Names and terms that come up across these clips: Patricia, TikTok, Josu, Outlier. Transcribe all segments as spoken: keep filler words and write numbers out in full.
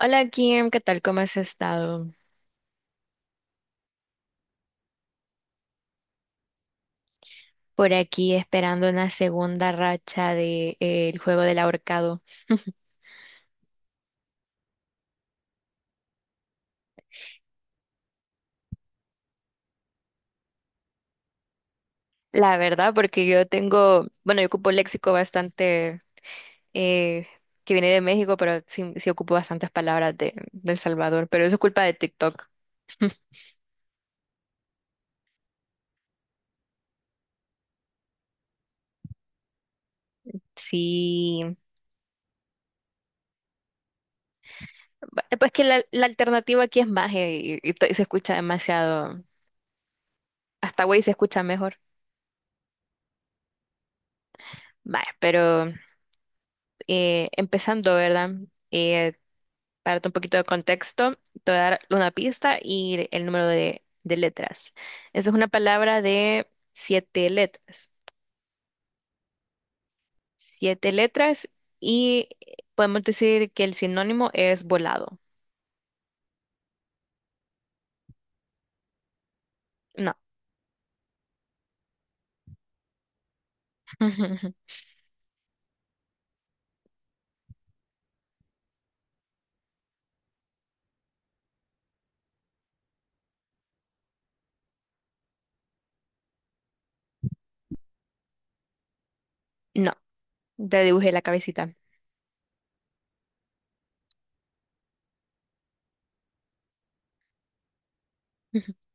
Hola, Kim, ¿qué tal? ¿Cómo has estado? Por aquí esperando una segunda racha de, eh, el juego del ahorcado. La verdad, porque yo tengo, bueno, yo ocupo léxico bastante eh, que viene de México, pero sí, sí ocupo bastantes palabras de, de El Salvador, pero eso es culpa de TikTok. Sí, ba- pues que la, la alternativa aquí es magia y, y to- y se escucha demasiado, hasta güey se escucha mejor. Vaya, pero eh, empezando, ¿verdad? Eh, Para darte un poquito de contexto, te voy a dar una pista y el número de, de letras. Esa es una palabra de siete letras. Siete letras, y podemos decir que el sinónimo es volado. No, no, le dibujé la cabecita.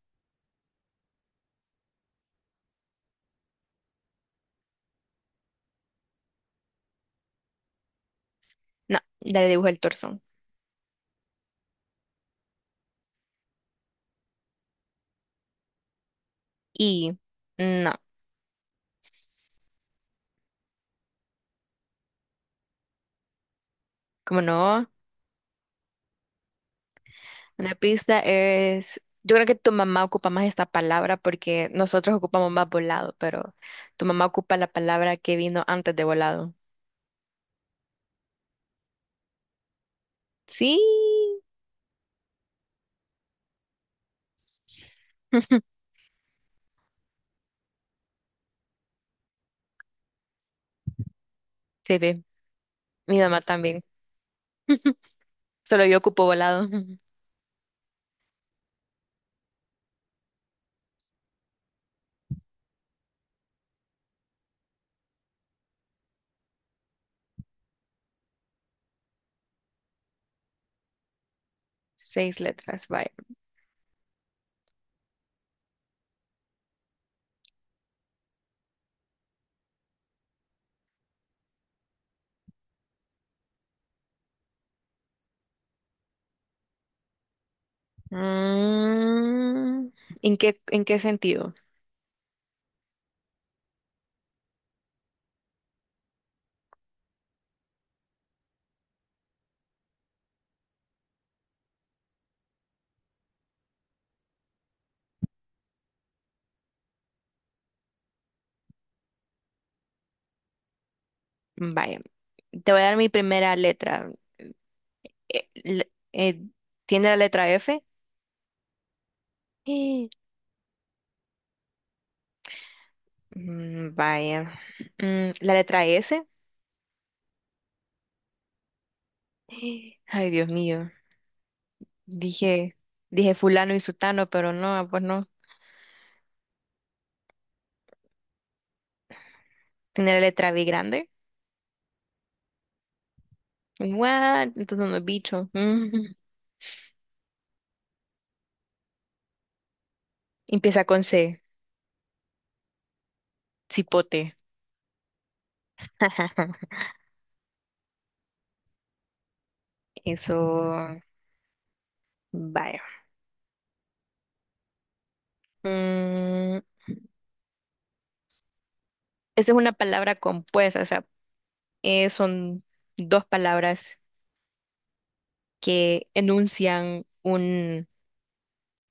No, le dibujé el torso. Y no, como no, una pista es, yo creo que tu mamá ocupa más esta palabra porque nosotros ocupamos más volado, pero tu mamá ocupa la palabra que vino antes de volado. Sí, se ve. Mi mamá también. Solo yo ocupo volado. Seis letras, vaya. Mm, ¿en qué, en qué sentido? Vaya. Te voy a dar mi primera letra. Eh, le- eh, ¿Tiene la letra F? Eh, mm, vaya. Mm, ¿la letra S? Eh, Ay, Dios mío. Dije, dije fulano y sutano, pero no, pues no. ¿Tiene la letra B grande? What? Entonces no es bicho. Mm. Empieza con C. Cipote. Ajá. Eso, vaya. Mm, esa es una palabra compuesta, o sea, eh, son dos palabras que enuncian un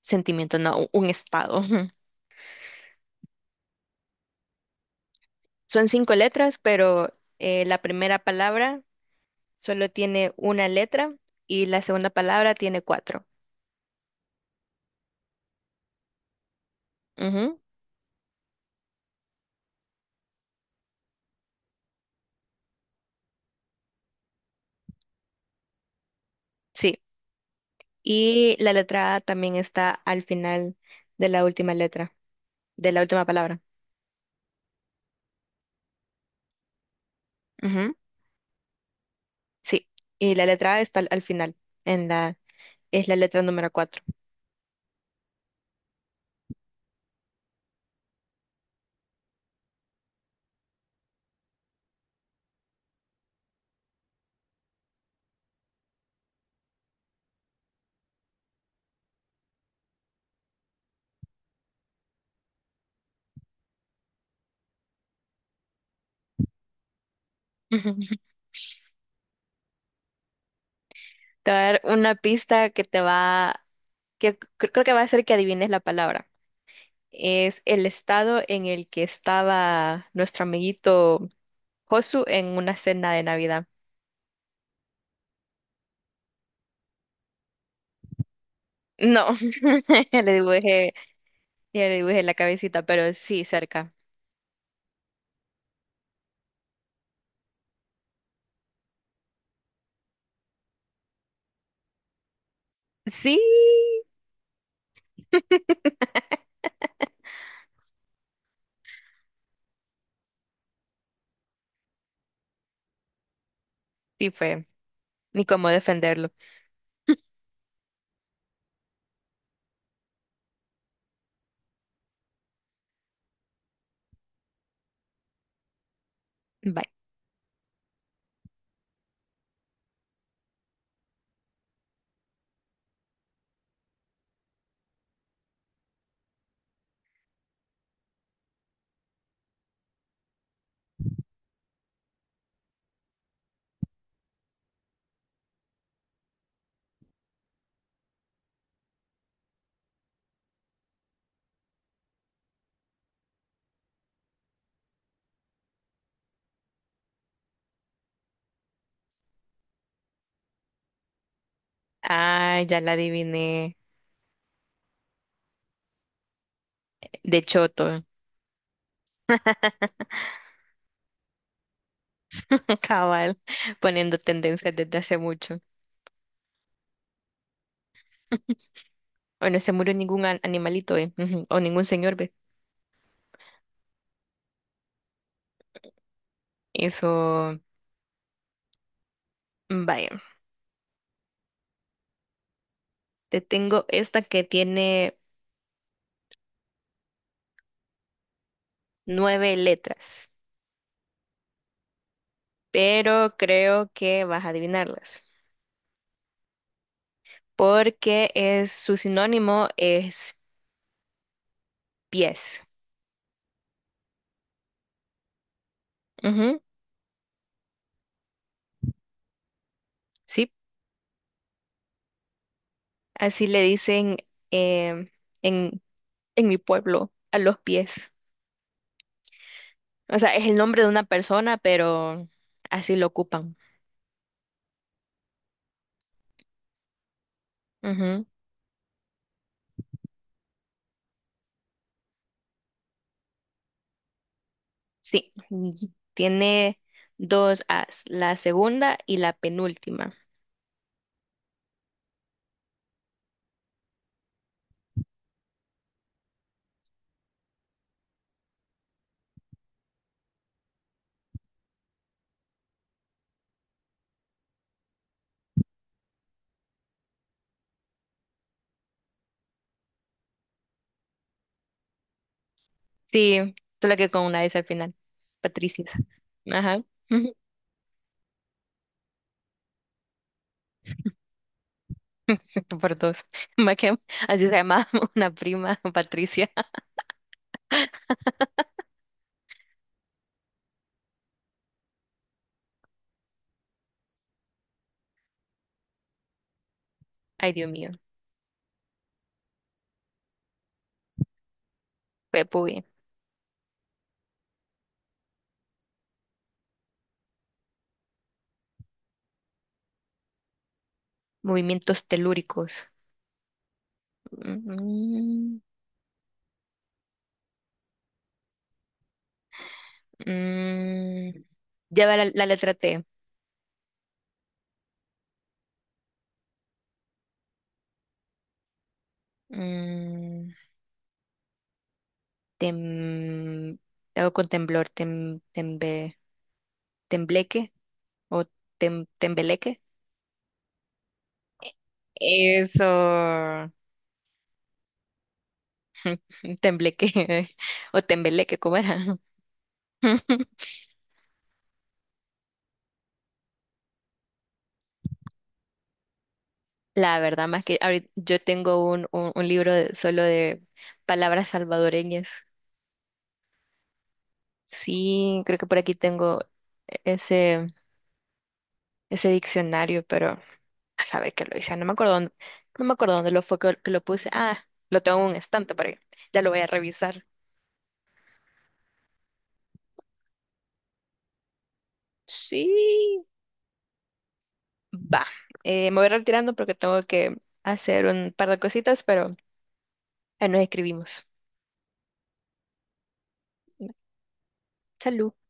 sentimiento, no, un un estado. Son cinco letras, pero eh, la primera palabra solo tiene una letra y la segunda palabra tiene cuatro. Ujú, sí. Y la letra A también está al final de la última letra, de la última palabra. Ujú. Sí, y la letra A está al, al final, en la, es la letra número cuatro. Te voy a dar una pista que te va, que cre- creo que va a hacer que adivines la palabra. Es el estado en el que estaba nuestro amiguito Josu en una cena de Navidad. No, ya le dibujé, ya le dibujé la cabecita, pero sí, cerca. Sí, sí fue, ni cómo defenderlo. Bye. Ah, ya la adiviné, de choto. Cabal, poniendo tendencias desde hace mucho. Bueno, se murió ningún an- animalito, ¿eh? Ujú. O ningún señor, ¿ve? Eso, vaya. Te tengo esta que tiene nueve letras, pero creo que vas a adivinarlas, porque es su sinónimo es pies. Ujú. Sí, así le dicen em, en, en mi pueblo a los pies. O sea, es el nombre de una persona, pero así lo ocupan. Sí, y tiene dos As, la segunda y la penúltima. Sí, tú la que con una S al final, Patricia. Ajá. Por dos. Más que... Así se llama una prima, Patricia. Ay, Dios mío, Pepuy. Movimientos telúricos. Mm, mm. Lleva la, la letra T. Mm, tem- te hago con temblor, tem, tembe- tembleque o tem- tembeleque. Eso, tembleque o tembeleque, ¿cómo era? La verdad, más que ahorita yo tengo un, un, un libro de- solo de palabras salvadoreñas. Sí, creo que por aquí tengo ese, ese diccionario, pero a saber qué lo hice. No me acuerdo dónde, no me acuerdo dónde lo fue que, que lo puse. Ah, lo tengo en un estante por ahí. Ya lo voy a revisar. Sí, va. Eh, me voy retirando porque tengo que hacer un par de cositas, pero ahí nos escribimos. Salud.